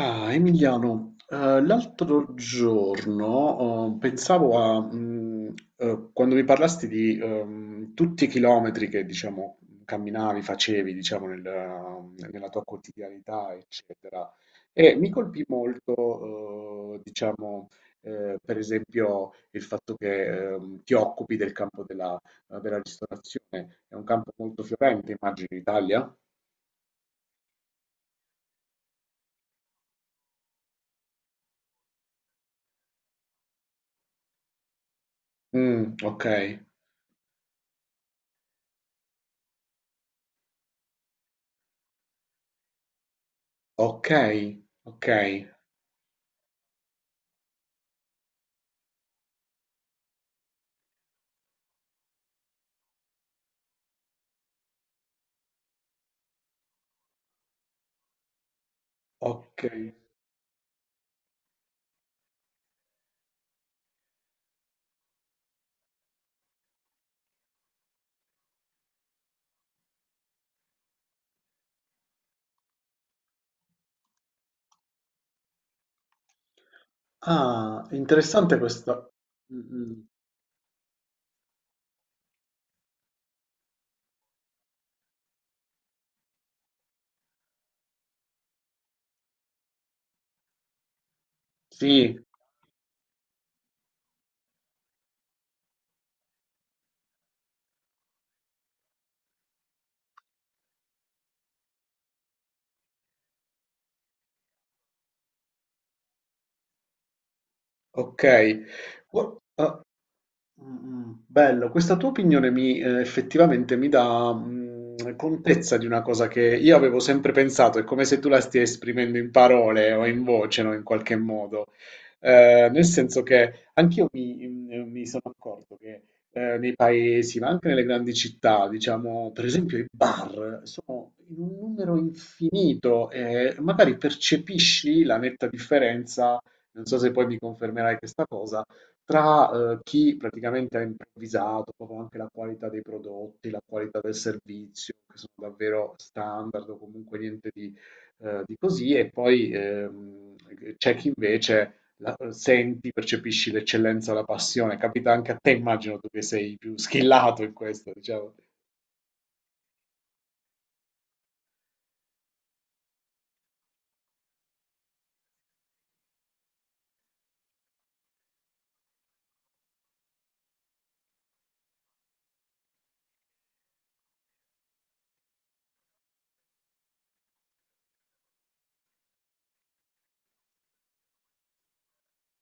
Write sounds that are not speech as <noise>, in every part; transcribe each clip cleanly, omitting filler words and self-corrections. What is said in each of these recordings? Ah, Emiliano, l'altro giorno, pensavo a quando mi parlasti di tutti i chilometri che, diciamo, camminavi, facevi, diciamo, nella tua quotidianità, eccetera, e mi colpì molto, diciamo, per esempio, il fatto che ti occupi del campo della ristorazione, è un campo molto fiorente, immagino, in Italia. Mm, ok. Ok, ok, ok. Ah, interessante questo. Mm, mm. Sì. Ok. Ah, bello, questa tua opinione effettivamente mi dà contezza di una cosa che io avevo sempre pensato, è come se tu la stia esprimendo in parole o in voce, no, in qualche modo. Nel senso che anch'io mi sono accorto che nei paesi, ma anche nelle grandi città, diciamo, per esempio i bar sono in un numero infinito e magari percepisci la netta differenza. Non so se poi mi confermerai questa cosa, tra chi praticamente ha improvvisato proprio anche la qualità dei prodotti, la qualità del servizio, che sono davvero standard o comunque niente di così, e poi c'è chi invece senti, percepisci l'eccellenza, la passione. Capita anche a te, immagino tu che sei più schillato in questo, diciamo.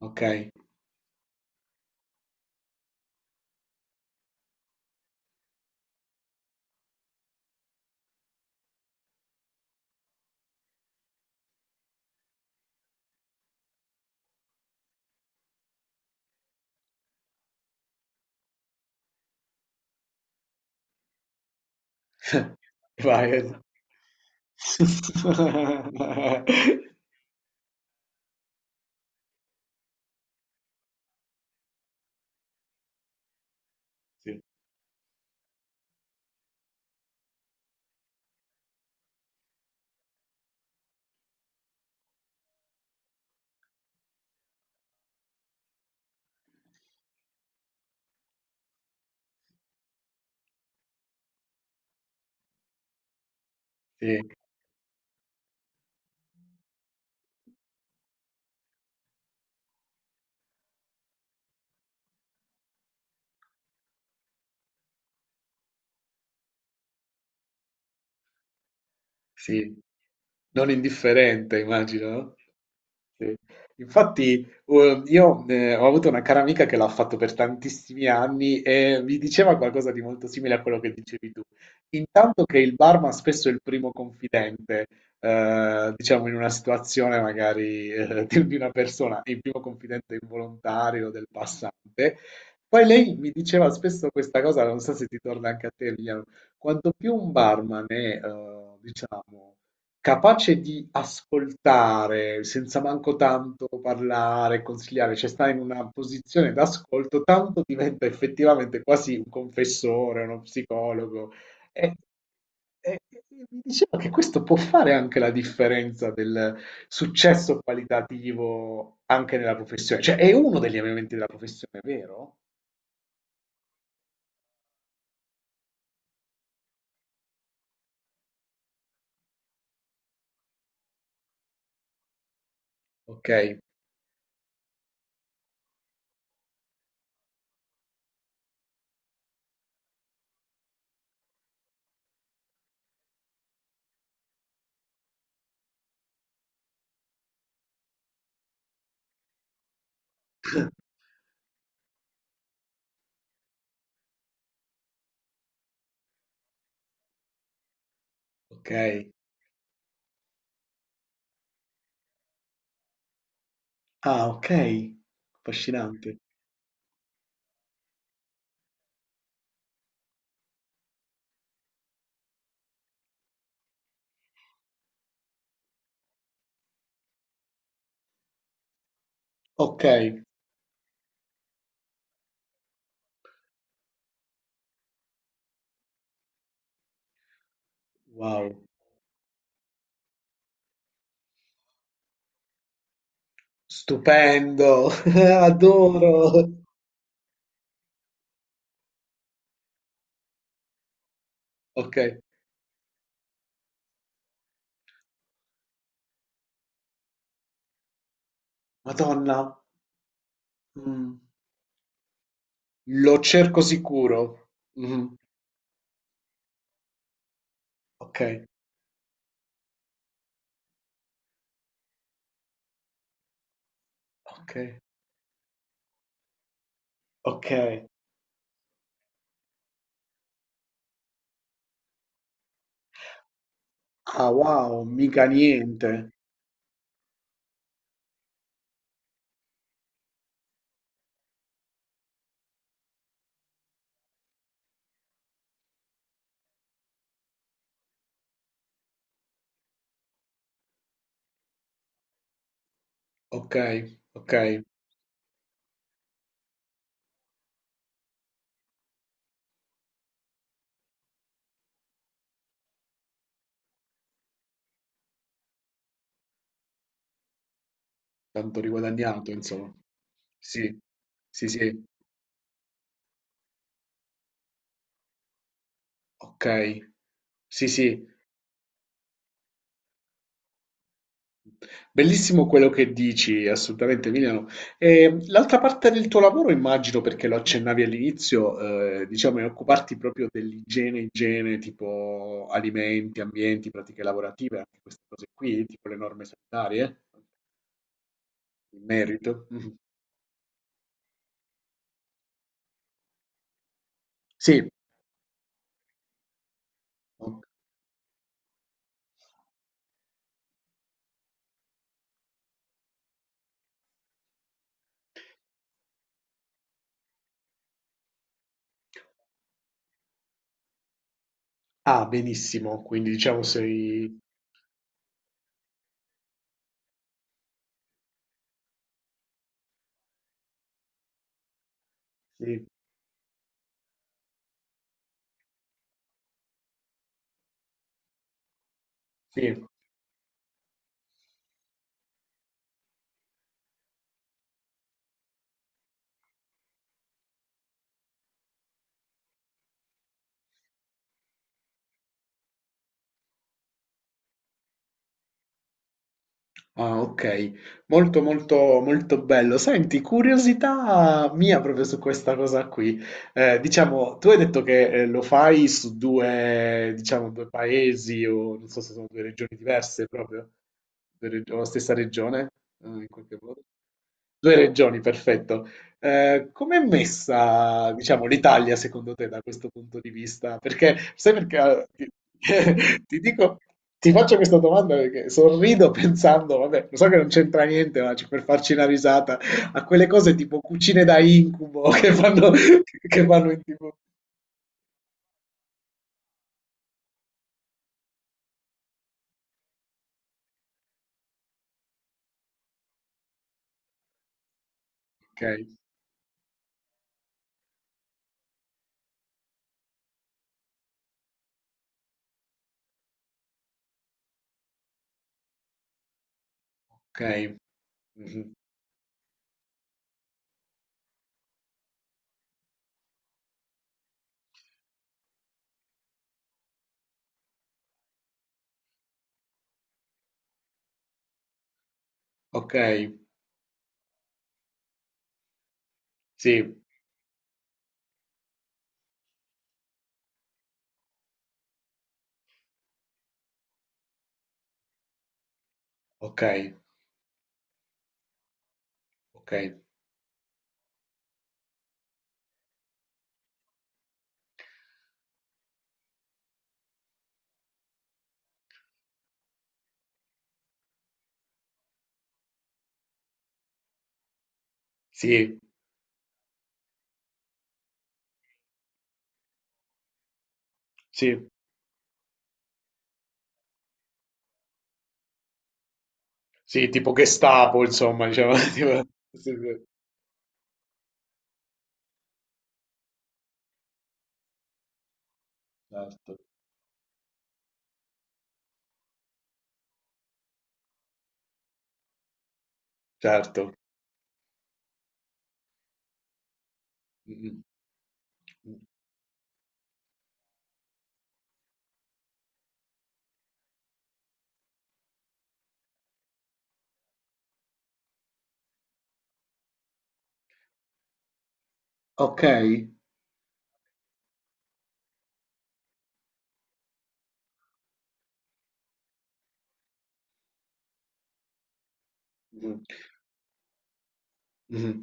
Ok, <laughs> vai. <laughs> Sì, sì. Sì. Non indifferente immagino, no? Sì. Infatti, io ho avuto una cara amica che l'ha fatto per tantissimi anni e mi diceva qualcosa di molto simile a quello che dicevi tu. Intanto che il barman spesso è il primo confidente, diciamo in una situazione magari di una persona, il primo confidente involontario del passante. Poi lei mi diceva spesso questa cosa, non so se ti torna anche a te, Emiliano, quanto più un barman è, diciamo, capace di ascoltare senza manco tanto parlare, consigliare, cioè sta in una posizione d'ascolto, tanto diventa effettivamente quasi un confessore, uno psicologo. E, e- e mi diceva che questo può fare anche la differenza del successo qualitativo anche nella professione, cioè è uno degli elementi della professione, vero? Ok. <clears throat> Ok. Ah, ok, affascinante. Ok, wow, stupendo. <laughs> Adoro. Ok, Madonna, mm, lo cerco sicuro. Mhm. Ok, ok, ok. Ah, wow, mica niente. Ok, ok, tanto riguadagnato, insomma. Sì, sì, sì, ok. Sì, sì. Bellissimo quello che dici, assolutamente Emiliano. E l'altra parte del tuo lavoro, immagino, perché lo accennavi all'inizio, diciamo, è occuparti proprio dell'igiene, igiene, tipo alimenti, ambienti, pratiche lavorative, anche queste cose qui, tipo le norme sanitarie, in merito. Mhm. Sì. Ah, benissimo, quindi diciamo sei. Sì, sì. Ah, ok, molto molto molto bello. Senti, curiosità mia proprio su questa cosa qui. Diciamo, tu hai detto che lo fai su due, diciamo, due paesi o non so se sono due regioni diverse proprio, o la stessa regione, in qualche modo. 2 regioni, perfetto. Com'è messa, diciamo, l'Italia secondo te da questo punto di vista? Perché, sai perché, <laughs> ti dico, ti faccio questa domanda perché sorrido pensando, vabbè, lo so che non c'entra niente, ma per farci una risata, a quelle cose tipo cucine da incubo <laughs> che fanno in tipo. Ok, ok, mhm, ok, sì, ok, ok, sì, sì, sì, tipo Gestapo, insomma, diciamo, <laughs> sì, sì. Certo. Certo. Mh-mh. Mh. Okay. Mh. Mh-mh.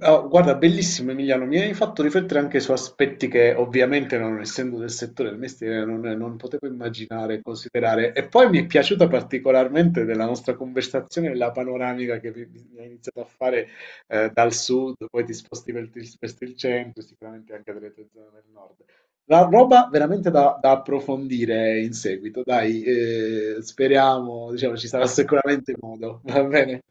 Ah, guarda, bellissimo Emiliano, mi hai fatto riflettere anche su aspetti che ovviamente non essendo del settore del mestiere non potevo immaginare e considerare. E poi mi è piaciuta particolarmente della nostra conversazione la panoramica che mi hai iniziato a fare dal sud, poi ti sposti il centro, sicuramente anche delle tue zone del nord. La roba veramente da approfondire in seguito, dai, speriamo, diciamo, ci sarà sicuramente modo, va bene?